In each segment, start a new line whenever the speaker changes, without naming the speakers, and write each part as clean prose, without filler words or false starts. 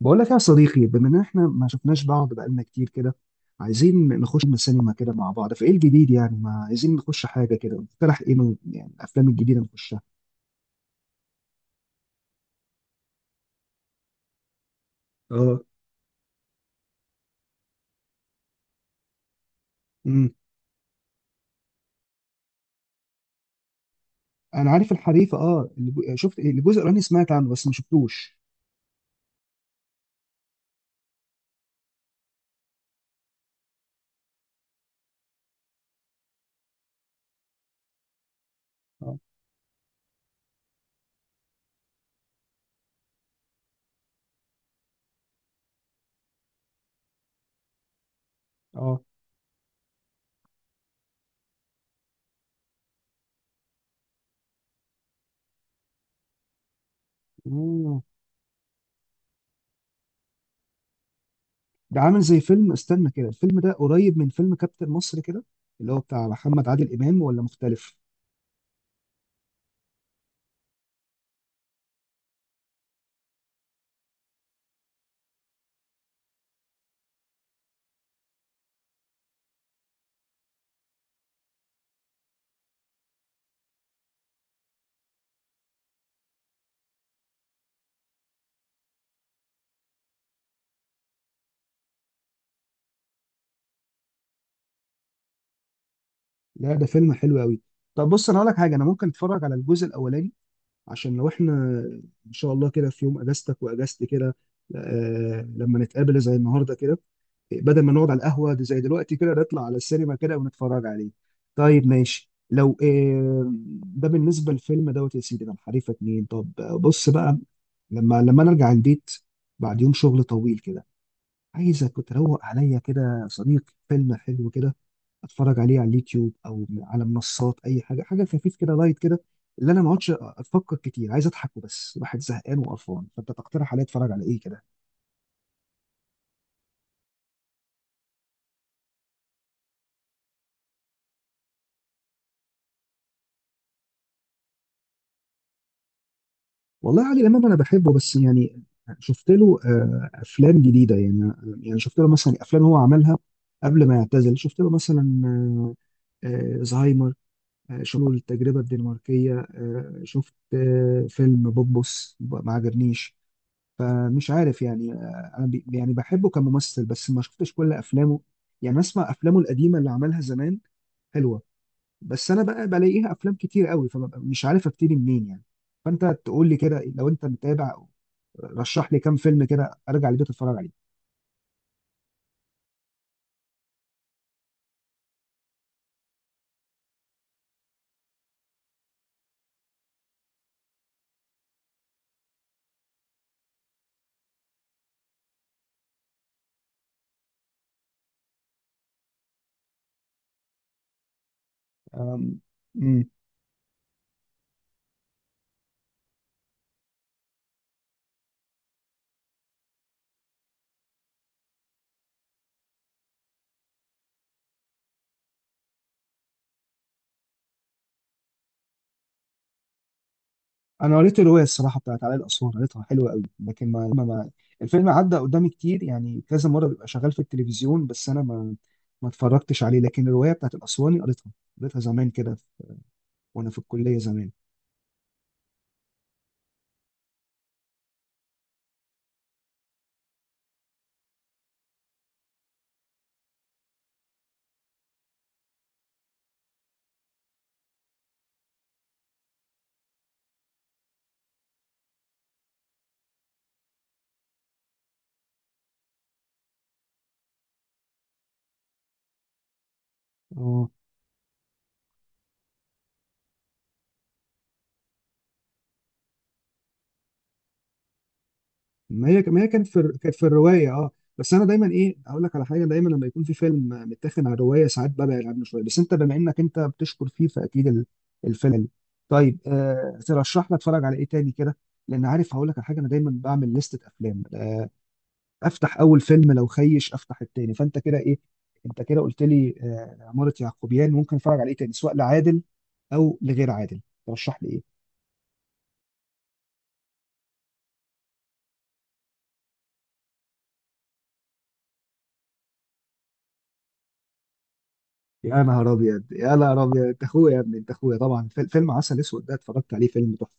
بقول لك يا صديقي، بما ان احنا ما شفناش بعض بقالنا كتير كده، عايزين نخش السينما كده مع بعض، فايه الجديد؟ يعني ما عايزين نخش حاجه كده، اقترح ايه من يعني الافلام الجديده نخشها؟ اه. امم انا عارف الحريفه. شفت إيه؟ الجزء الاولاني سمعت عنه بس ما شفتوش. اه. اه. مم. ده عامل زي فيلم، استنى كده، الفيلم ده قريب من فيلم كابتن مصر كده، اللي هو بتاع محمد عادل امام، ولا مختلف؟ لا، ده فيلم حلو قوي. طب بص انا اقول لك حاجه، انا ممكن اتفرج على الجزء الاولاني، عشان لو احنا ان شاء الله كده في يوم اجازتك واجازتي كده، لما نتقابل زي النهارده كده، بدل ما نقعد على القهوه دي زي دلوقتي كده، نطلع على السينما كده ونتفرج عليه. طيب ماشي لو ده بالنسبه للفيلم دوت يا سيدي، ده حريفه 2. طب بص بقى، لما انا ارجع البيت بعد يوم شغل طويل كده، عايزك تروق عليا كده يا صديق، فيلم حلو كده، اتفرج عليه على اليوتيوب او على منصات، اي حاجه، حاجه خفيف كده، لايت كده، اللي انا ما اقعدش افكر كتير، عايز اضحك وبس، الواحد زهقان وقرفان، فانت تقترح عليا اتفرج على ايه كده؟ والله عادل امام انا بحبه، بس يعني شفت له افلام جديده يعني؟ يعني شفت له مثلا افلام هو عملها قبل ما يعتزل، شفت له مثلا زهايمر، شفت له التجربه الدنماركيه، شفت فيلم بوبوس، ما عجبنيش. فمش عارف يعني، انا يعني بحبه كممثل، بس ما شفتش كل افلامه. يعني اسمع افلامه القديمه اللي عملها زمان، حلوه. بس انا بقى بلاقيها افلام كتير قوي، فببقى مش عارف ابتدي منين يعني. فانت تقول لي كده لو انت متابع، رشح لي كام فيلم كده ارجع البيت اتفرج عليه. أم، مم. انا قريت الروايه الصراحه بتاعت علاء الاسوار، قريتها حلوه قوي، لكن الفيلم عدى قدامي كتير يعني، كذا مره بيبقى شغال في التلفزيون، بس انا ما اتفرجتش عليه، لكن الروايه بتاعت الاسواني قريتها، قريتها زمان كده وانا في الكليه زمان. اه. ما هي كانت كانت في الروايه، اه. بس انا دايما ايه اقول لك على حاجه، دايما لما يكون في فيلم متاخد على الروايه ساعات ببعد عنه شويه، بس انت بما انك انت بتشكر فيه فاكيد الفيلم حلو. طيب ترشح لي اتفرج على ايه تاني كده؟ لان عارف هقول لك على حاجه، انا دايما بعمل لستة افلام، افتح اول فيلم، لو خيش افتح التاني، فانت كده ايه؟ انت كده قلت لي عماره يعقوبيان، ممكن اتفرج على ايه تاني سواء لعادل او لغير عادل؟ ترشح لي ايه؟ يا نهار ابيض، يا نهار ابيض، انت اخويا يا ابني، انت اخويا. طبعا فيلم عسل اسود ده اتفرجت عليه، فيلم تحفه.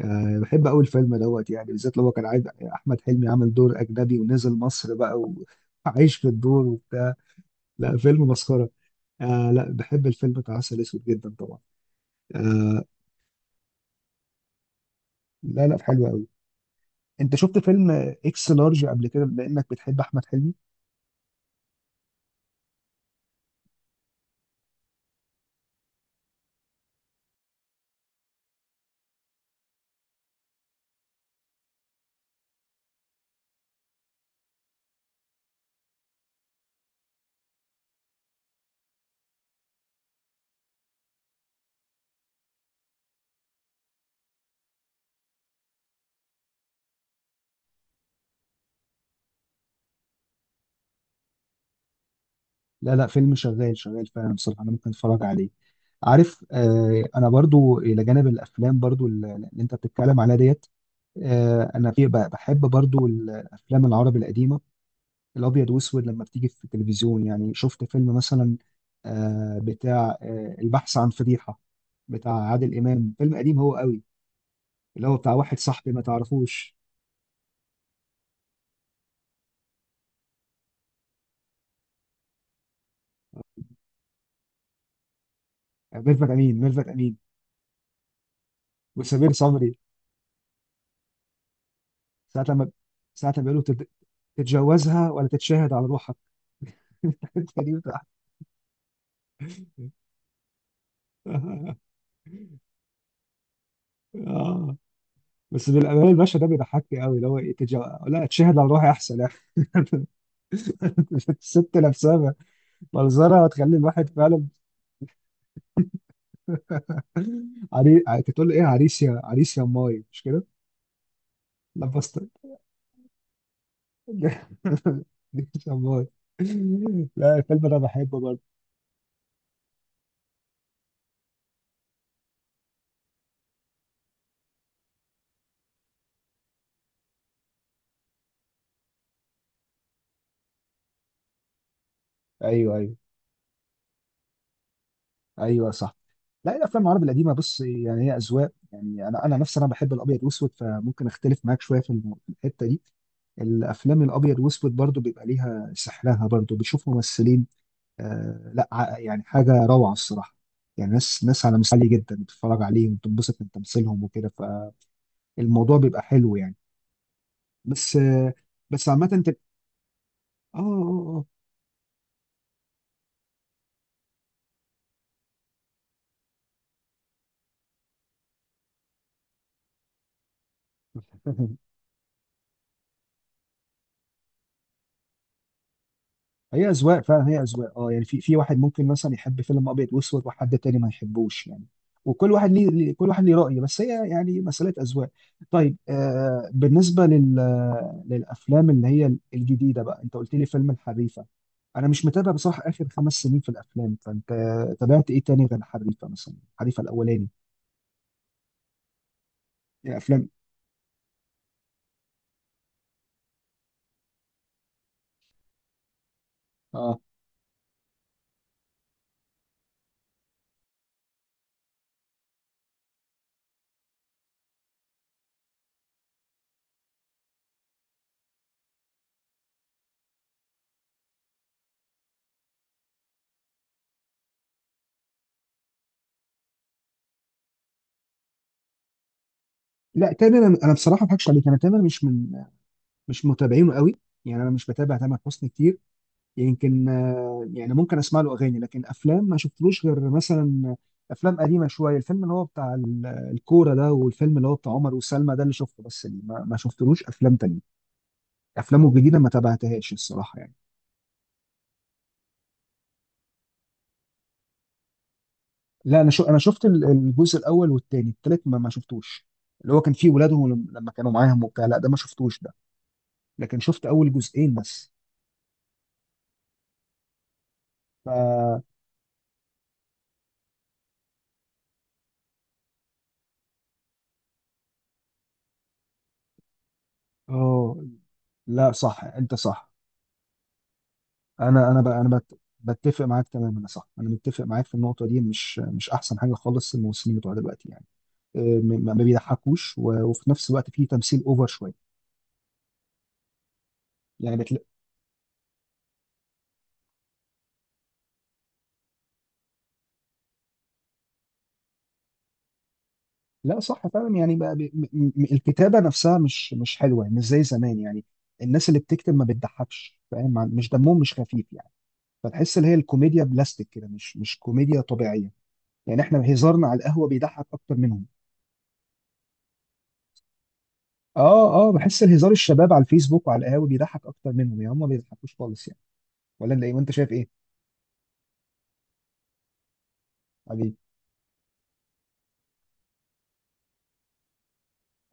أه، بحب اول فيلم دوت يعني، بالذات لو هو كان عايز، احمد حلمي عمل دور اجنبي ونزل مصر بقى وعايش في الدور وبتاع. لا، فيلم مسخره. أه، لا بحب الفيلم بتاع عسل اسود جدا طبعا. أه، لا لا، حلو قوي. انت شفت فيلم اكس لارج قبل كده بما انك بتحب احمد حلمي؟ لا لا، فيلم شغال شغال فعلا بصراحة، أنا ممكن أتفرج عليه. عارف، أنا برضو إلى جانب الأفلام برضو اللي أنت بتتكلم عليها ديت، أنا في بحب برضو الأفلام العربي القديمة، الأبيض وأسود لما بتيجي في التلفزيون يعني، شفت فيلم مثلا بتاع البحث عن فضيحة، بتاع عادل إمام، فيلم قديم هو قوي، اللي هو بتاع واحد صاحبي ما تعرفوش. ميرفت أمين، ميرفت أمين. وسمير صبري. ساعة لما ساعة لما بيقولوا تتجوزها ولا تتشاهد على روحها. التاني بتاع. اه بس بالامانه الباشا ده بيضحكني قوي، اللي هو ايه لا اتشهد على روحي احسن يعني. الست نفسها منظرها هتخلي الواحد فعلا تقول له ايه، عريس يا عريس يا ماي، مش كده؟ لبستك. عريس يا ماي. لا الفيلم ده بحبه برضه. ايوه، ايوه. ايوه صح. لا، الافلام العربي القديمه بص يعني هي اذواق يعني، انا نفسي انا بحب الابيض واسود، فممكن اختلف معاك شويه في الحته دي. الافلام الابيض واسود برضو بيبقى ليها سحرها، برضو بتشوف ممثلين. لا، يعني حاجه روعه الصراحه. يعني ناس ناس على مستوى عالي جدا بتتفرج عليهم وتنبسط من تمثيلهم وكده، فالموضوع بيبقى حلو يعني. بس بس عامه انت. اه. اه. اه. هي اذواق فعلا، هي اذواق. اه يعني في واحد ممكن مثلا يحب فيلم ابيض واسود، وحد تاني ما يحبوش يعني. وكل واحد ليه كل واحد ليه رأي، بس هي يعني مسألة اذواق. طيب، بالنسبة للافلام اللي هي الجديدة بقى، انت قلت لي فيلم الحريفة. انا مش متابع بصراحة اخر 5 سنين في الافلام، فانت تابعت ايه تاني غير الحريفة؟ مثلا الحريفة الاولاني، يعني افلام. اه، لا تامر، انا بصراحة ما اضحكش عليك، انا تامر مش متابعينه قوي. يعني انا مش بتابع تامر حسني كتير. يمكن يعني ممكن اسمع له اغاني، لكن افلام ما شفتلوش غير مثلا افلام قديمه شويه، الفيلم اللي هو بتاع الكوره ده، والفيلم اللي هو بتاع عمر وسلمى، ده اللي شفته بس يعني، ما شفتلوش افلام تانية. افلامه الجديده ما تابعتهاش الصراحه يعني. لا، انا انا شفت الجزء الاول والتاني، التالت ما شفتوش. اللي هو كان فيه ولادهم لما كانوا معاهم وبتاع، لا ده ما شفتوش ده. لكن شفت اول جزئين بس. ف اه لا صح، انت صح. انا بقى انا بتفق معاك تماما يا صاحبي، انا متفق معاك في النقطه دي، مش احسن حاجه خالص الممثلين بتوع دلوقتي يعني، ما بيضحكوش، و- وفي نفس الوقت فيه تمثيل اوفر شويه. يعني بتلاقي. لا صح فعلا يعني بقى، الكتابه نفسها مش حلوه يعني، مش زي زمان يعني. الناس اللي بتكتب ما بتضحكش فاهم، مش دمهم، مش خفيف يعني. فتحس اللي هي الكوميديا بلاستيك كده، مش كوميديا طبيعيه. يعني احنا هزارنا على القهوه بيضحك اكتر منهم. اه، اه، بحس الهزار الشباب على الفيسبوك وعلى القهاوي بيضحك اكتر منهم، يا هم ما بيضحكوش خالص يعني. ولا انت ايه؟ وانت شايف ايه؟ علي.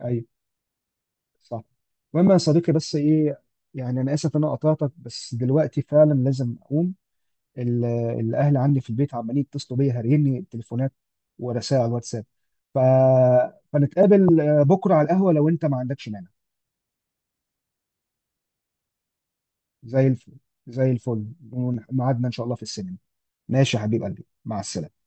ايوه. صح. المهم يا صديقي، بس ايه، يعني انا اسف ان انا قطعتك، بس دلوقتي فعلا لازم اقوم، ال- الاهل عندي في البيت عمالين يتصلوا بيا هاريني تليفونات ورسائل على الواتساب، ف... فنتقابل بكره على القهوه لو انت ما عندكش مانع. زي الفل، زي الفل. ميعادنا ان شاء الله في السينما. ماشي يا حبيب قلبي، مع السلامه. يلا.